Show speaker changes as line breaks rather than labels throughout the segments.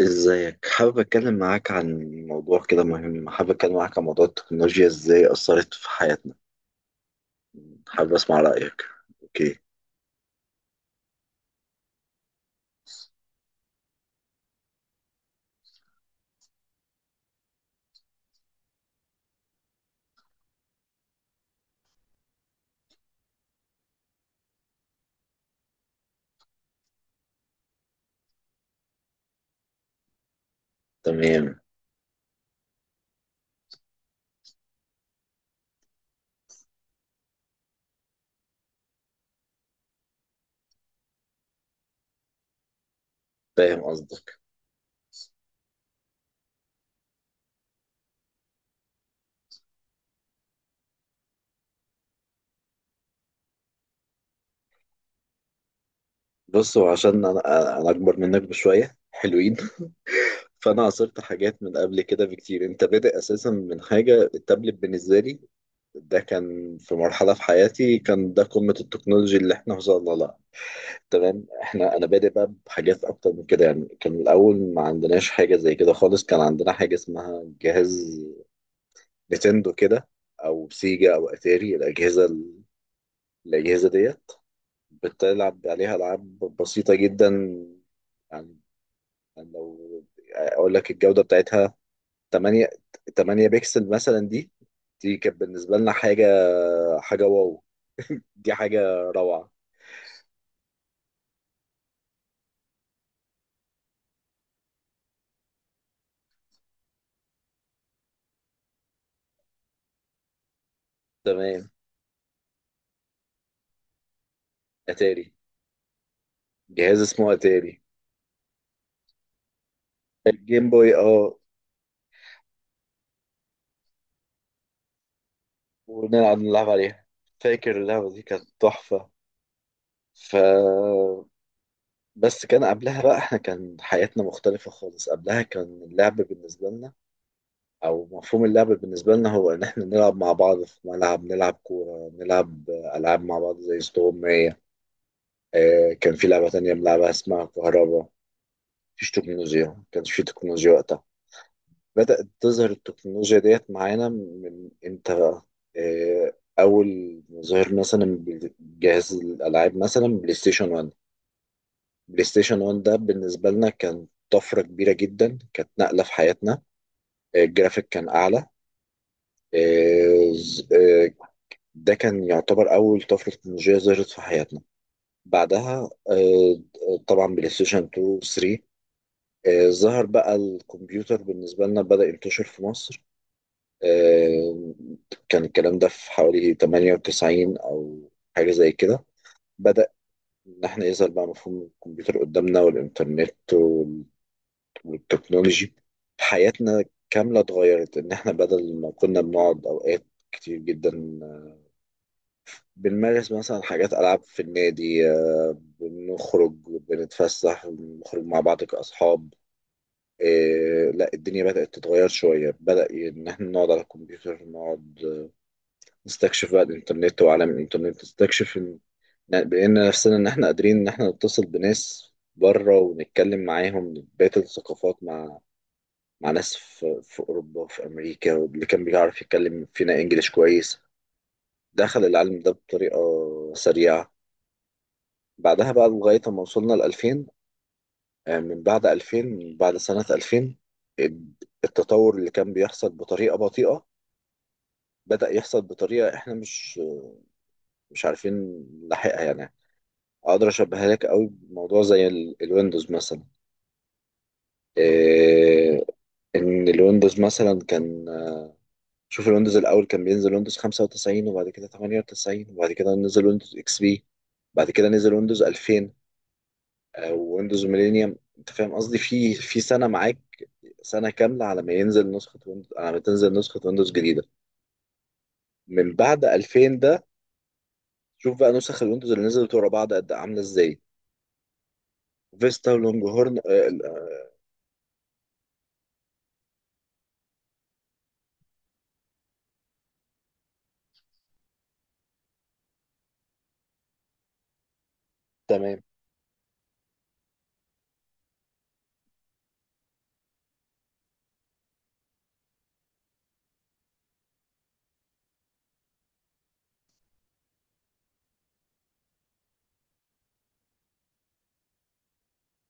ازيك، حابب اتكلم معاك عن موضوع كده مهم. حابب اتكلم معاك عن موضوع التكنولوجيا ازاي اثرت في حياتنا. حابب اسمع رايك. اوكي. تمام. فاهم قصدك. بص، هو عشان انا اكبر منك بشويه حلوين. فانا عاصرت حاجات من قبل كده بكتير. انت بادئ اساسا من حاجه التابلت. بالنسبه لي ده كان في مرحله في حياتي كان ده قمه التكنولوجيا اللي احنا وصلنا لها. تمام، احنا انا بادئ بقى بحاجات اكتر من كده. يعني كان الاول ما عندناش حاجه زي كده خالص. كان عندنا حاجه اسمها جهاز نينتندو كده، او سيجا او اتاري. الاجهزه الاجهزه ديت بتلعب عليها العاب بسيطه جدا. يعني يعني لو اقول لك الجوده بتاعتها 8 8 بكسل مثلا. دي كانت بالنسبه لنا حاجه، حاجه واو، دي حاجه روعه. تمام، اتاري، جهاز اسمه اتاري. الجيم بوي، اه، ونلعب، نلعب عليها. فاكر اللعبة دي كانت تحفة. ف بس كان قبلها بقى احنا كان حياتنا مختلفة خالص. قبلها كان اللعب بالنسبة لنا، أو مفهوم اللعب بالنسبة لنا، هو إن احنا نلعب مع بعض في ملعب، نلعب كورة، نلعب ألعاب مع بعض زي استغماية. كان في لعبة تانية بنلعبها اسمها كهربا. مفيش تكنولوجيا، ما كانش في تكنولوجيا وقتها. بدأت تظهر التكنولوجيا ديت معانا من امتى بقى؟ آه، أول ما ظهر مثلا جهاز الألعاب، مثلا بلاي ستيشن 1. ده بالنسبة لنا كان طفرة كبيرة جدا، كانت نقلة في حياتنا. الجرافيك كان أعلى. آه، ز- آه، ده كان يعتبر أول طفرة تكنولوجية ظهرت في حياتنا. بعدها طبعا بلاي ستيشن 2 و 3. ظهر بقى الكمبيوتر بالنسبة لنا، بدأ ينتشر في مصر. آه، كان الكلام ده في حوالي 98 أو حاجة زي كده. بدأ إن إحنا يظهر بقى مفهوم الكمبيوتر قدامنا، والإنترنت والتكنولوجي. حياتنا كاملة اتغيرت. إن إحنا بدل ما كنا بنقعد أوقات كتير جدا بنمارس مثلا حاجات، ألعاب في النادي، بنخرج، بنتفسح، بنخرج مع بعض كأصحاب. إيه، لا، الدنيا بدأت تتغير شوية. بدأ إن إحنا نقعد على الكمبيوتر، نقعد نستكشف بقى الانترنت وعالم الانترنت، بقينا نفسنا ان احنا قادرين ان احنا نتصل بناس بره ونتكلم معاهم، بقية الثقافات، مع مع ناس في اوروبا وفي امريكا. واللي كان بيعرف يتكلم فينا انجليش كويس دخل العالم ده بطريقة سريعة. بعدها بقى لغاية ما وصلنا ل 2000. من بعد 2000، من بعد سنة 2000 التطور اللي كان بيحصل بطريقة بطيئة بدأ يحصل بطريقة احنا مش عارفين نلاحقها يعني. اقدر اشبهها لك قوي بموضوع زي الويندوز مثلا. إيه، ان الويندوز مثلا كان، شوف الويندوز الاول كان بينزل ويندوز 95، وبعد كده 98، وبعد كده نزل ويندوز اكس بي، بعد كده نزل ويندوز 2000، ويندوز ميلينيوم. انت فاهم قصدي، في سنه معاك، سنه كامله على ما ينزل نسخه ويندوز، على ما تنزل نسخه ويندوز جديده. من بعد 2000 ده شوف بقى نسخ الويندوز اللي نزلت ورا بعض قد إيه، عامله ازاي. فيستا ولونج هورن. آه. تمام.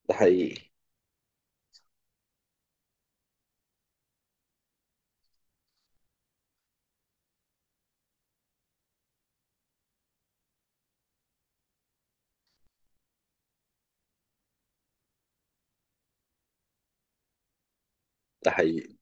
ده حقيقي. ده حقيقي.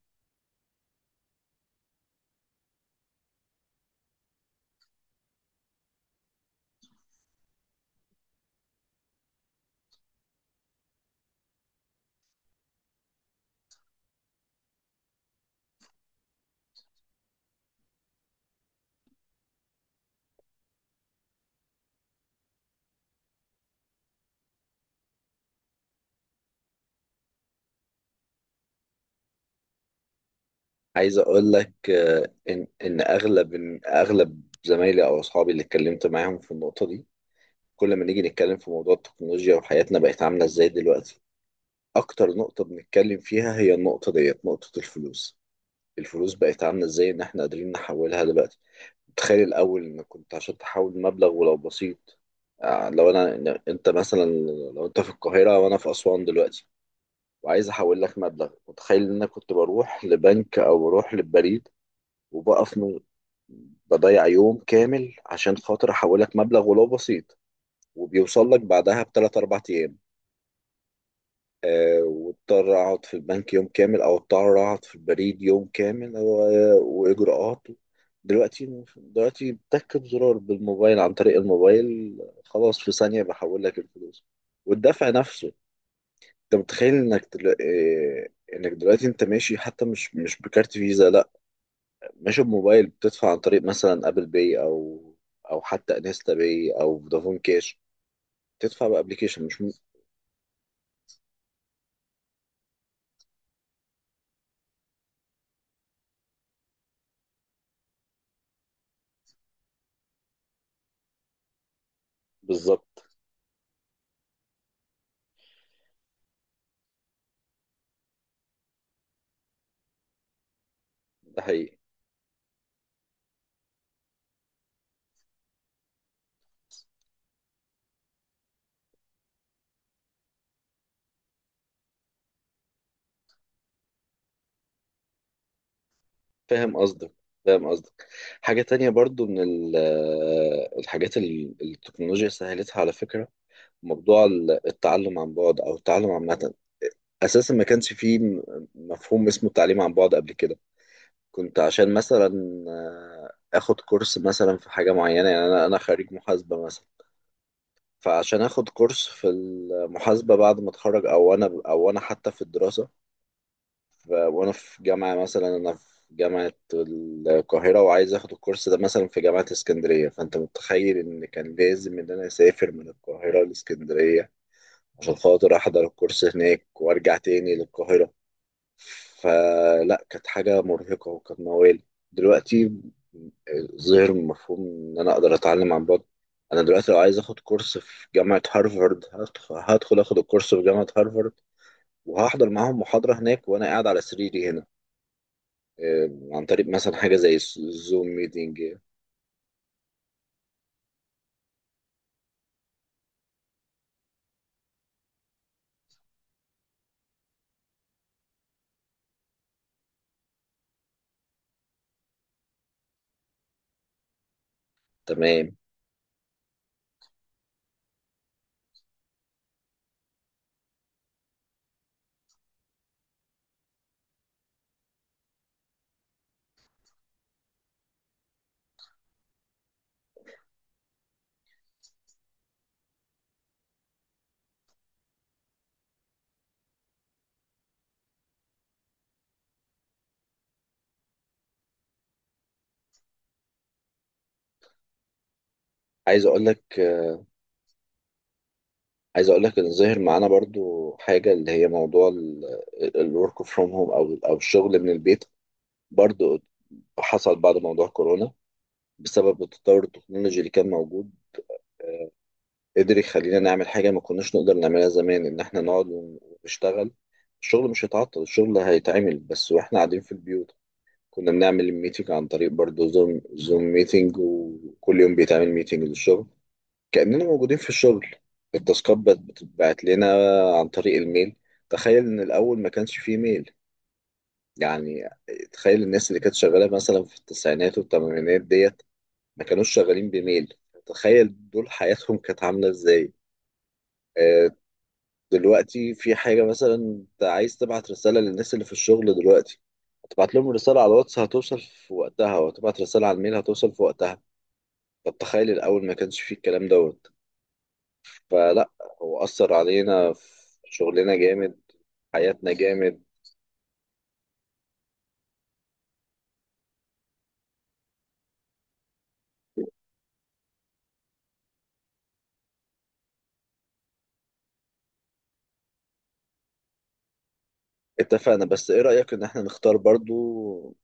عايز اقول لك، آه، ان ان اغلب إن اغلب زمايلي او اصحابي اللي اتكلمت معاهم في النقطه دي، كل ما نيجي نتكلم في موضوع التكنولوجيا وحياتنا بقت عامله ازاي دلوقتي، اكتر نقطه بنتكلم فيها هي النقطه ديت، نقطه الفلوس. الفلوس بقت عامله ازاي ان احنا قادرين نحولها دلوقتي. تخيل الاول، ان كنت عشان تحول مبلغ ولو بسيط، انت مثلا، لو انت في القاهره وانا في اسوان دلوقتي وعايز احول لك مبلغ، متخيل ان انا كنت بروح لبنك او بروح للبريد، وبقف من بضيع يوم كامل عشان خاطر احولك مبلغ ولو بسيط، وبيوصل لك بعدها بـ 3 أو 4 أيام. أه، واضطر اقعد في البنك يوم كامل، او اضطر اقعد في البريد يوم كامل واجراءات. دلوقتي بتكب زرار بالموبايل، عن طريق الموبايل خلاص في ثانية بحول لك الفلوس. والدفع نفسه، انت متخيل انك دل... آه، انك دلوقتي انت ماشي حتى مش، بكارت فيزا، لا، مش بموبايل بتدفع، عن طريق مثلا ابل باي، او حتى انستا باي او فودافون كاش. تدفع بابلكيشن مش م... بالظبط. ده حقيقي. فاهم قصدك. فاهم قصدك. حاجة تانية برضو من الحاجات اللي التكنولوجيا سهلتها على فكرة، موضوع التعلم عن بعد، أو التعلم عامة. أساسا ما كانش فيه مفهوم اسمه التعليم عن بعد قبل كده. كنت عشان مثلا، آه، آخد كورس مثلا في حاجة معينة، يعني أنا، خريج محاسبة مثلا، فعشان اخد كورس في المحاسبة بعد ما اتخرج، او انا، او انا حتى في الدراسة، وانا في جامعة مثلا، انا في جامعة القاهرة، وعايز اخد الكورس ده مثلا في جامعة اسكندرية، فانت متخيل ان كان لازم ان انا اسافر من القاهرة لاسكندرية عشان خاطر احضر الكورس هناك وارجع تاني للقاهرة. فلا، كانت حاجة مرهقة وكانت موال. دلوقتي ظهر مفهوم إن أنا أقدر أتعلم عن بعد. أنا دلوقتي لو عايز أخد كورس في جامعة هارفارد، هدخل أخد الكورس في جامعة هارفارد وهحضر معاهم محاضرة هناك وأنا قاعد على سريري هنا، عن طريق مثلا حاجة زي الزوم ميتينج. تمام. عايز أقول لك، إن ظهر معانا برضو حاجة اللي هي موضوع الورك فروم هوم، أو الشغل من البيت. برضو حصل بعد موضوع كورونا، بسبب التطور التكنولوجي اللي كان موجود، قدر يخلينا نعمل حاجة ما كناش نقدر نعملها زمان. إن إحنا نقعد ونشتغل. الشغل مش هيتعطل، الشغل هيتعمل بس وإحنا قاعدين في البيوت. كنا بنعمل الميتنج عن طريق برضه زوم، زوم ميتنج، وكل يوم بيتعمل ميتنج للشغل كأننا موجودين في الشغل. التاسكات بتتبعت لنا عن طريق الميل. تخيل إن الأول ما كانش فيه ميل. يعني تخيل الناس اللي كانت شغالة مثلا في التسعينات والثمانينات ديت ما كانوش شغالين بميل، تخيل دول حياتهم كانت عاملة ازاي. آه، دلوقتي في حاجة، مثلا انت عايز تبعت رسالة للناس اللي في الشغل دلوقتي، هتبعت لهم رسالة على الواتس، هتوصل في وقتها، وهتبعت رسالة على الميل، هتوصل في وقتها. طب تخيل الأول ما كانش فيه الكلام دوت. فلا، هو أثر علينا في شغلنا جامد، حياتنا جامد. اتفقنا، بس ايه رأيك ان احنا نختار برضو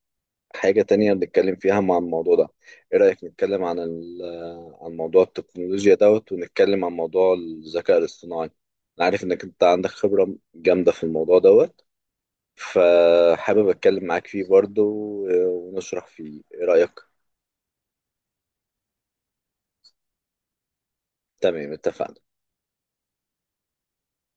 حاجة تانية نتكلم فيها مع الموضوع ده؟ ايه رأيك نتكلم عن عن موضوع التكنولوجيا دوت، ونتكلم عن موضوع الذكاء الاصطناعي؟ انا عارف انك انت عندك خبرة جامدة في الموضوع دوت، فحابب اتكلم معاك فيه برضه ونشرح فيه. ايه رأيك؟ تمام، اتفقنا.